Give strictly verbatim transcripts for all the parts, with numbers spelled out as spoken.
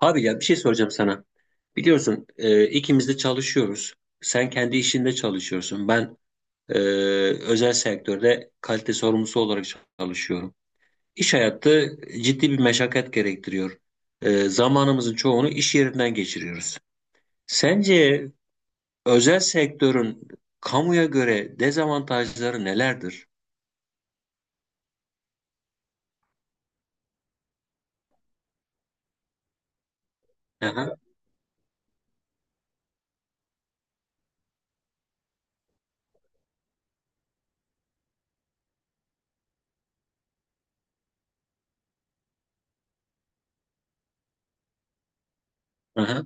Abi ya bir şey soracağım sana. Biliyorsun e, ikimiz de çalışıyoruz. Sen kendi işinde çalışıyorsun. Ben e, özel sektörde kalite sorumlusu olarak çalışıyorum. İş hayatı ciddi bir meşakkat gerektiriyor. E, zamanımızın çoğunu iş yerinden geçiriyoruz. Sence özel sektörün kamuya göre dezavantajları nelerdir? Aha, aha.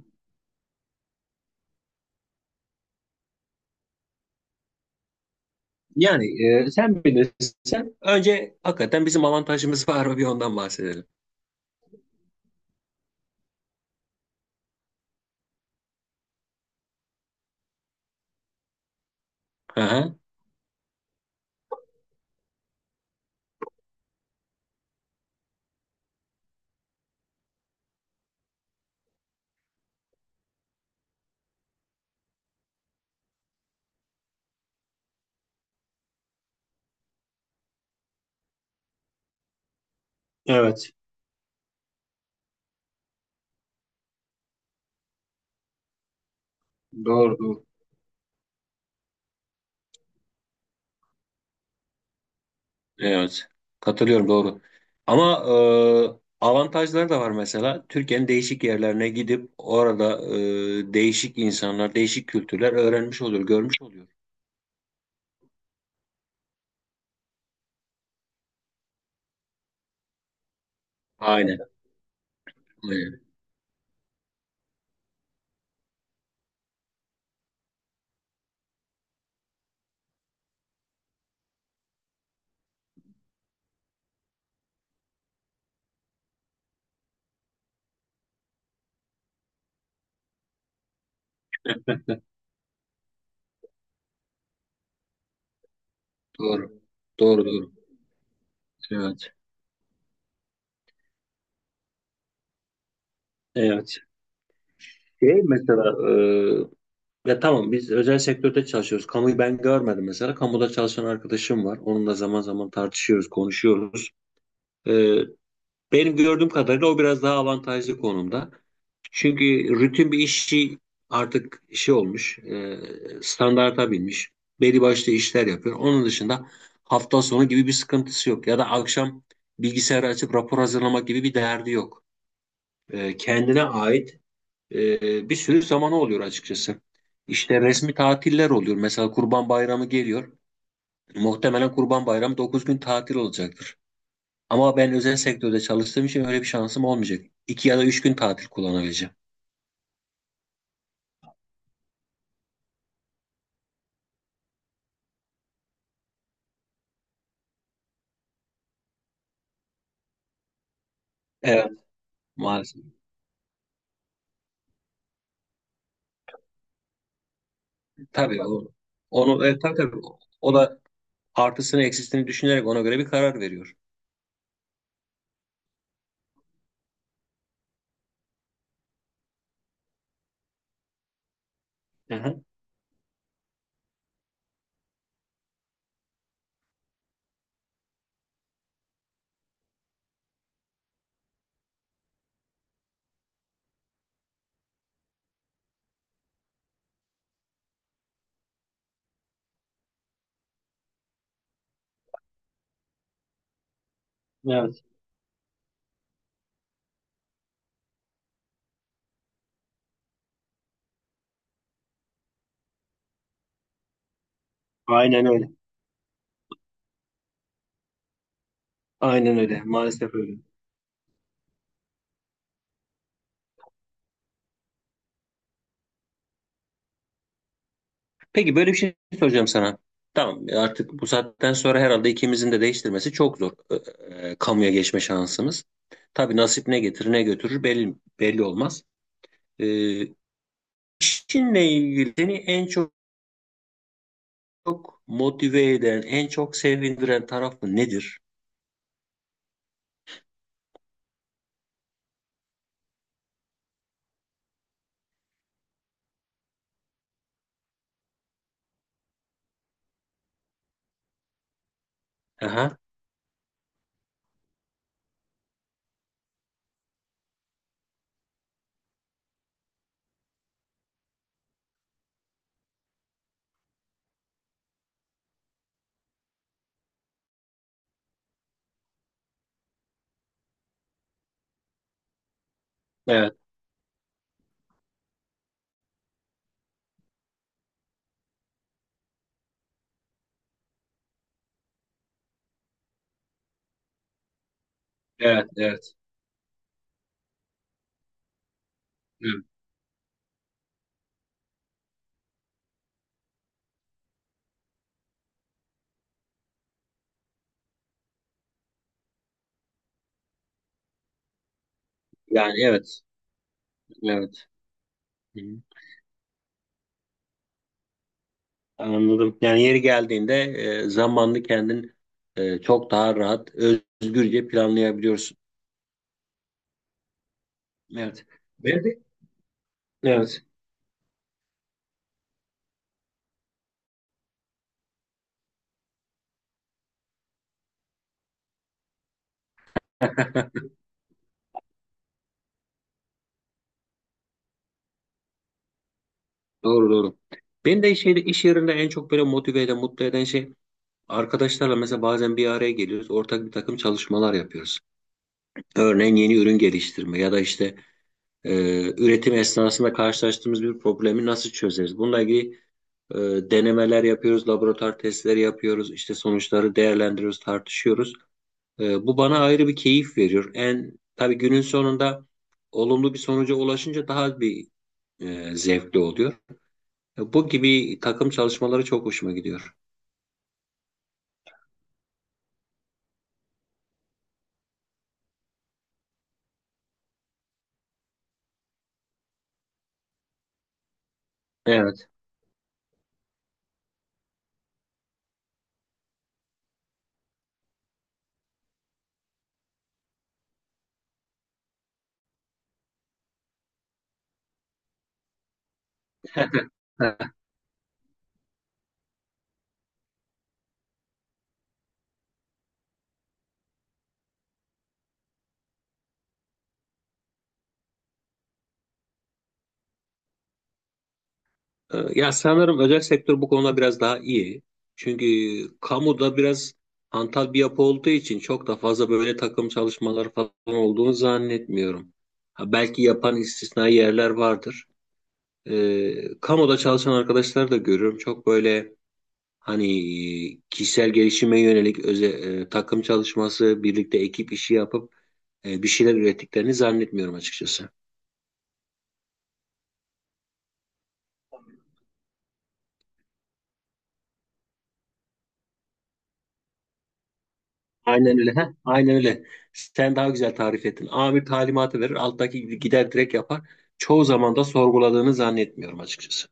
Yani e, sen bilirsin. Önce hakikaten bizim avantajımız var mı bir ondan bahsedelim. Aha. Evet. Doğru, doğru. Evet. Katılıyorum doğru. Ama e, avantajları da var mesela. Türkiye'nin değişik yerlerine gidip orada e, değişik insanlar, değişik kültürler öğrenmiş oluyor, görmüş oluyor. Aynen. Aynen. Doğru. Doğru doğru. Evet. Evet. Şey mesela e, ya tamam biz özel sektörde çalışıyoruz. Kamuyu ben görmedim mesela. Kamuda çalışan arkadaşım var. Onunla zaman zaman tartışıyoruz, konuşuyoruz. E, benim gördüğüm kadarıyla o biraz daha avantajlı konumda. Çünkü rutin bir işi artık şey olmuş, e, standarta binmiş. Belli başlı işler yapıyor. Onun dışında hafta sonu gibi bir sıkıntısı yok. Ya da akşam bilgisayarı açıp rapor hazırlamak gibi bir derdi yok. E, kendine ait e, bir sürü zamanı oluyor açıkçası. İşte resmi tatiller oluyor. Mesela Kurban Bayramı geliyor. Muhtemelen Kurban Bayramı dokuz gün tatil olacaktır. Ama ben özel sektörde çalıştığım için öyle bir şansım olmayacak. iki ya da üç gün tatil kullanabileceğim. Evet, maalesef. Tabii o, onu e, tabii, tabii o da artısını eksisini düşünerek ona göre bir karar veriyor. Hı hı. Evet. Aynen öyle. Aynen öyle. Maalesef öyle. Peki böyle bir şey soracağım sana. Tamam e, artık bu saatten sonra herhalde ikimizin de değiştirmesi çok zor. E, e, kamuya geçme şansımız. Tabii nasip ne getirir ne götürür belli belli olmaz. E, işinle ilgili seni en çok, çok motive eden, en çok sevindiren tarafı nedir? Aha. Evet, evet, evet. Hı. Yani evet. Evet. Hı hı. Anladım. Yani yeri geldiğinde e, zamanını kendin e, çok daha rahat, özgürce planlayabiliyorsun. Evet. Ben de evet. Doğru doğru. Beni de şeyde iş yerinde en çok böyle motive eden, mutlu eden şey arkadaşlarla mesela bazen bir araya geliyoruz. Ortak bir takım çalışmalar yapıyoruz. Örneğin yeni ürün geliştirme ya da işte e, üretim esnasında karşılaştığımız bir problemi nasıl çözeriz? Bununla ilgili E, denemeler yapıyoruz, laboratuvar testleri yapıyoruz, işte sonuçları değerlendiriyoruz, tartışıyoruz. E, bu bana ayrı bir keyif veriyor. En tabii günün sonunda olumlu bir sonuca ulaşınca daha bir e, zevkli oluyor. E, bu gibi takım çalışmaları çok hoşuma gidiyor. Evet. Ee, Ya sanırım özel sektör bu konuda biraz daha iyi. Çünkü kamuda biraz hantal bir yapı olduğu için çok da fazla böyle takım çalışmaları falan olduğunu zannetmiyorum. Ha, belki yapan istisnai yerler vardır. Ee, kamuda çalışan arkadaşlar da görüyorum. Çok böyle hani kişisel gelişime yönelik öze, e, takım çalışması, birlikte ekip işi yapıp e, bir şeyler ürettiklerini zannetmiyorum açıkçası. Aynen öyle. Heh, aynen öyle. Sen daha güzel tarif ettin. Amir talimatı verir, alttaki gider direkt yapar. Çoğu zaman da sorguladığını zannetmiyorum açıkçası.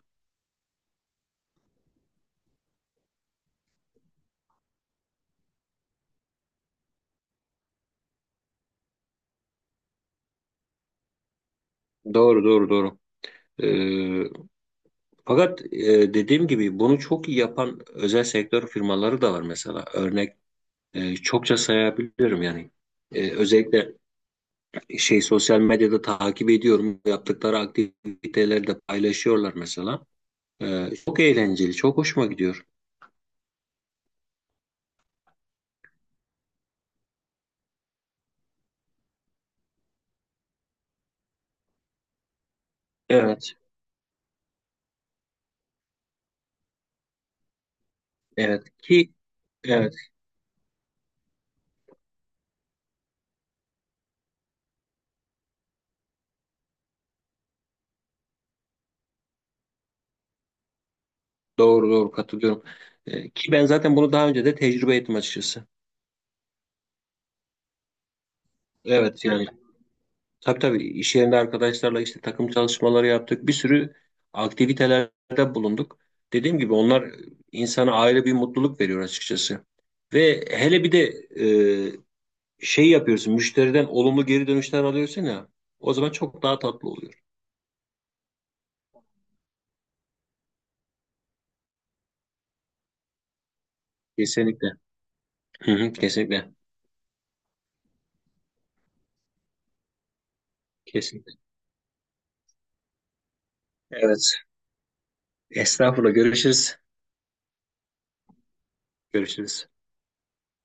Doğru, doğru, doğru. Ee, fakat e, dediğim gibi bunu çok iyi yapan özel sektör firmaları da var mesela. Örnek e, çokça sayabilirim yani. E, özellikle şey sosyal medyada takip ediyorum. Yaptıkları aktiviteleri de paylaşıyorlar mesela. E, çok eğlenceli, çok hoşuma gidiyor. Evet, evet ki evet. Doğru doğru katılıyorum, Ee, ki ben zaten bunu daha önce de tecrübe ettim açıkçası. Evet yani tabii tabii iş yerinde arkadaşlarla işte takım çalışmaları yaptık. Bir sürü aktivitelerde bulunduk. Dediğim gibi onlar insana ayrı bir mutluluk veriyor açıkçası. Ve hele bir de e, şey yapıyorsun müşteriden olumlu geri dönüşler alıyorsun ya. O zaman çok daha tatlı oluyor. Kesinlikle. Hı hı, kesinlikle. Kesinlikle. Evet. Estağfurullah görüşürüz. Görüşürüz.